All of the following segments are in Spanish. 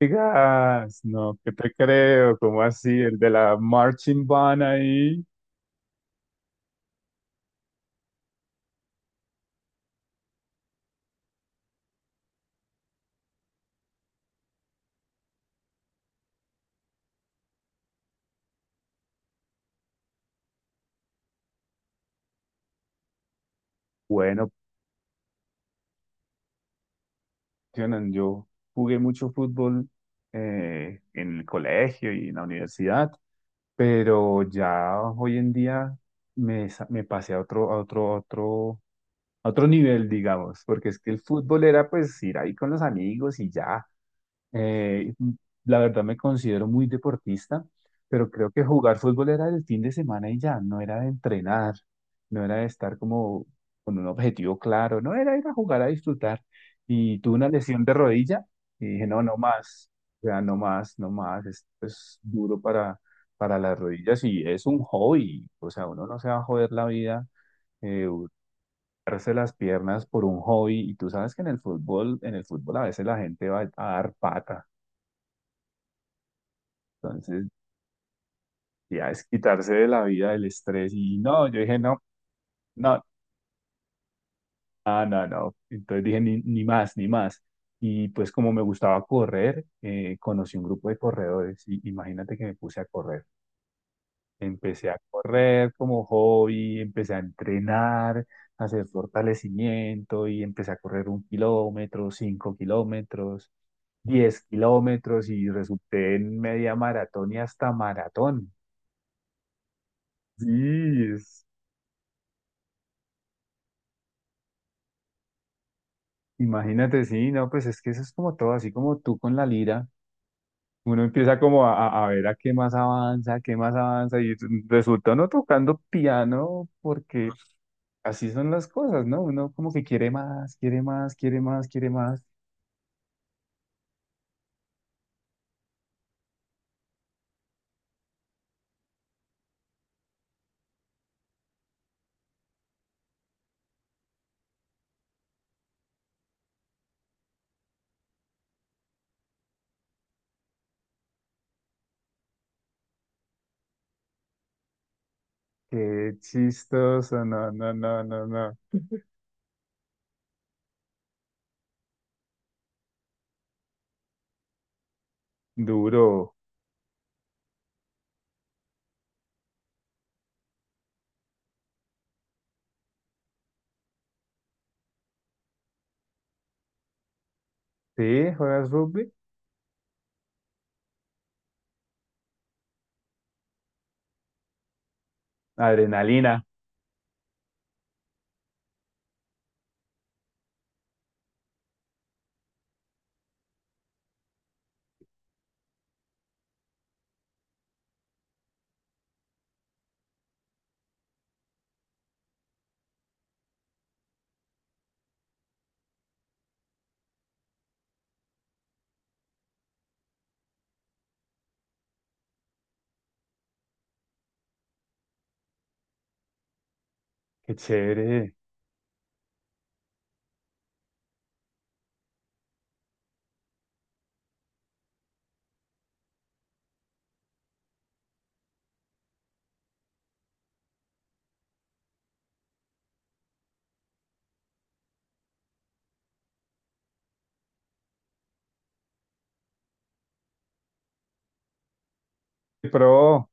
Digas, no, ¿qué te creo? ¿Cómo así? El de la marching band ahí. Bueno, Jonan, yo jugué mucho fútbol en el colegio y en la universidad, pero ya hoy en día me pasé a otro nivel, digamos, porque es que el fútbol era pues ir ahí con los amigos y ya. Eh, la verdad me considero muy deportista, pero creo que jugar fútbol era el fin de semana y ya, no era de entrenar, no era de estar como con un objetivo claro, no era ir a jugar a disfrutar. Y tuve una lesión de rodilla y dije, no, no más, o sea, no más, no más, esto es duro para las rodillas y es un hobby, o sea, uno no se va a joder la vida. Eh, Darse las piernas por un hobby y tú sabes que en el fútbol, a veces la gente va a dar pata. Entonces, ya es quitarse de la vida el estrés y no, yo dije no, no, no, no, no. Entonces dije ni más, ni más. Y pues como me gustaba correr, conocí un grupo de corredores y imagínate que me puse a correr. Empecé a correr como hobby, empecé a entrenar, a hacer fortalecimiento y empecé a correr 1 kilómetro, 5 kilómetros, 10 kilómetros y resulté en media maratón y hasta maratón. Sí, imagínate, sí, no, pues es que eso es como todo, así como tú con la lira, uno empieza como a ver a qué más avanza, a qué más avanza, y resulta uno tocando piano, porque así son las cosas, ¿no? Uno como que quiere más, quiere más, quiere más, quiere más. Qué chistoso, no, no, no, no, no. Duro. ¿Sí? ¿Juegas rugby? Adrenalina, qué chévere. Pro.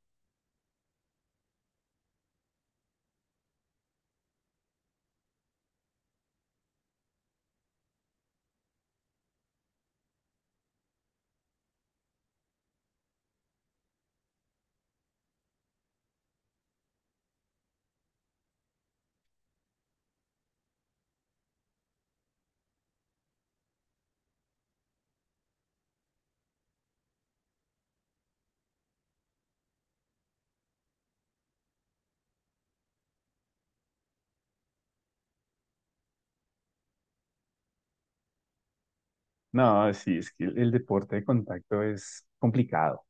No, sí, es que el deporte de contacto es complicado.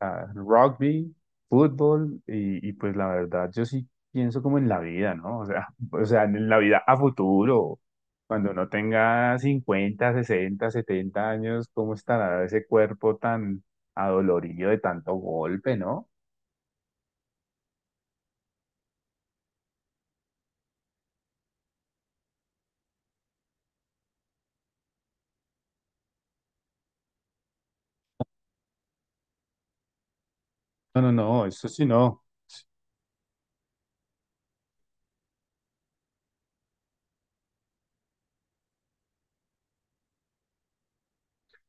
Ah, rugby, fútbol y pues la verdad yo sí pienso como en la vida, ¿no? O sea, o sea, en la vida a futuro, cuando uno tenga 50, 60, 70 años, ¿cómo estará ese cuerpo tan adolorido de tanto golpe, no? No, no, no, eso sí no.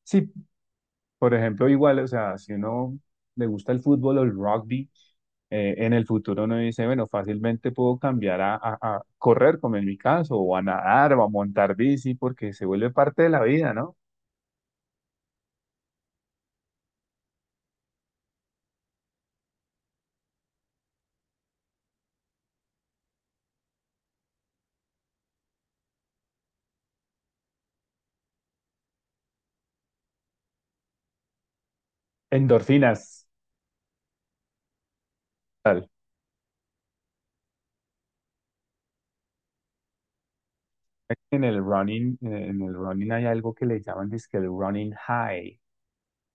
Sí, por ejemplo, igual, o sea, si uno le gusta el fútbol o el rugby, en el futuro uno dice, bueno, fácilmente puedo cambiar a, a correr, como en mi caso, o a nadar, o a montar bici, porque se vuelve parte de la vida, ¿no? Endorfinas, tal. En el running hay algo que le llaman, dizque el running high.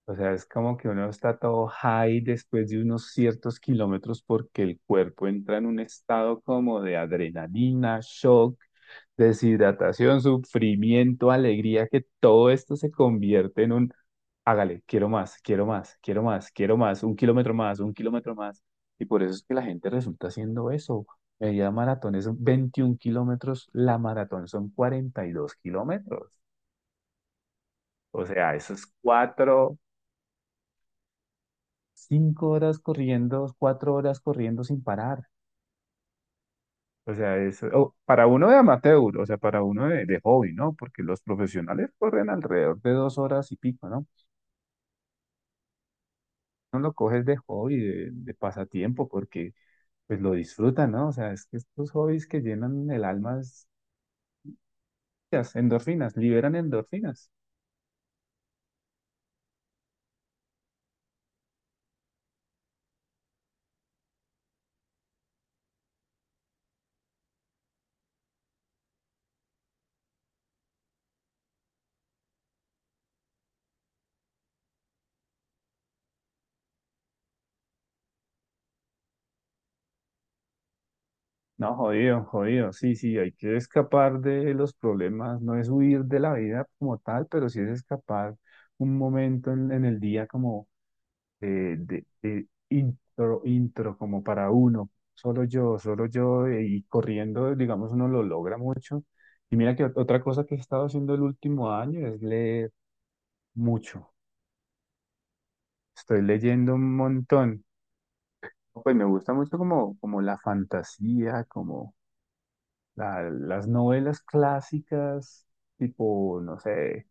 O sea, es como que uno está todo high después de unos ciertos kilómetros porque el cuerpo entra en un estado como de adrenalina, shock, deshidratación, sufrimiento, alegría, que todo esto se convierte en un, hágale, quiero más, quiero más, quiero más, quiero más, un kilómetro más, un kilómetro más. Y por eso es que la gente resulta haciendo eso. Media maratón es 21 kilómetros, la maratón son 42 kilómetros. O sea, eso es 4, 5 horas corriendo, 4 horas corriendo sin parar. O sea, eso, o para uno de amateur, o sea, para uno de hobby, ¿no? Porque los profesionales corren alrededor de 2 horas y pico, ¿no? No lo coges de hobby, de pasatiempo, porque pues lo disfrutan, ¿no? O sea, es que estos hobbies que llenan el alma, las endorfinas, liberan endorfinas. No, jodido, jodido, sí, sí, hay que escapar de los problemas, no es huir de la vida como tal, pero sí es escapar un momento en el día como de intro, como para uno, solo yo, y corriendo, digamos, uno lo logra mucho. Y mira que otra cosa que he estado haciendo el último año es leer mucho. Estoy leyendo un montón. Pues me gusta mucho como la fantasía, como las novelas clásicas, tipo, no sé,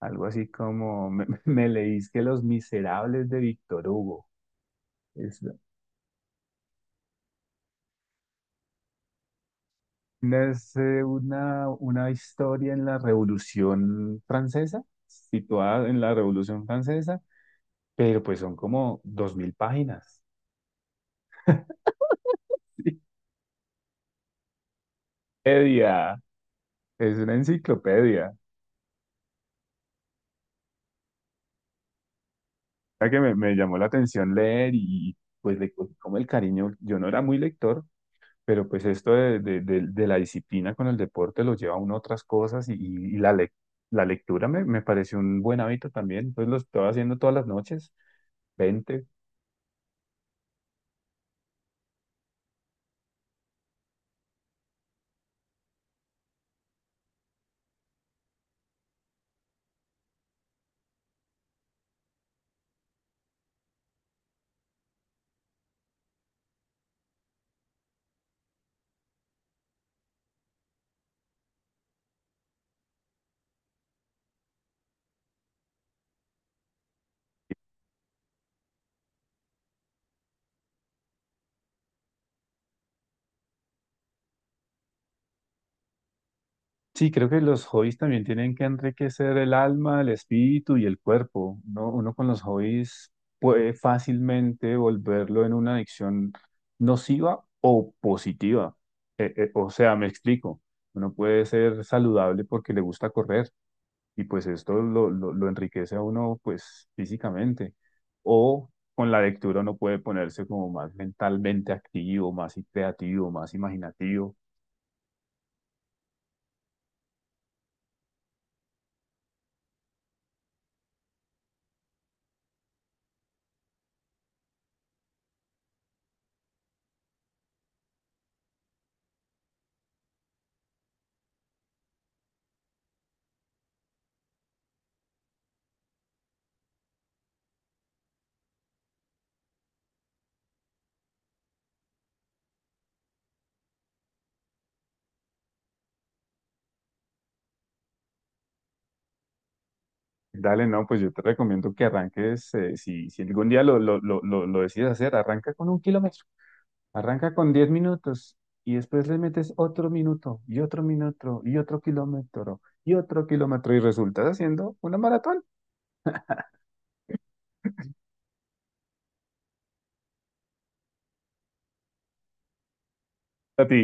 algo así como me, me leís que Los Miserables de Víctor Hugo. Es, es una historia en la Revolución Francesa, situada en la Revolución Francesa, pero pues son como 2.000 páginas. Edia, es una enciclopedia. Mira que me llamó la atención leer y pues le cogí como el cariño, yo no era muy lector, pero pues esto de la disciplina con el deporte lo lleva a uno a otras cosas y la lectura me pareció un buen hábito también, entonces lo estaba haciendo todas las noches, 20. Sí, creo que los hobbies también tienen que enriquecer el alma, el espíritu y el cuerpo, ¿no? Uno con los hobbies puede fácilmente volverlo en una adicción nociva o positiva. O sea, me explico. Uno puede ser saludable porque le gusta correr y pues esto lo enriquece a uno pues físicamente. O con la lectura uno puede ponerse como más mentalmente activo, más creativo, más imaginativo. Dale, no, pues yo te recomiendo que arranques, si algún día lo decides hacer, arranca con 1 kilómetro, arranca con 10 minutos y después le metes otro minuto y otro minuto y otro kilómetro y otro kilómetro y resultas haciendo una maratón. A ti.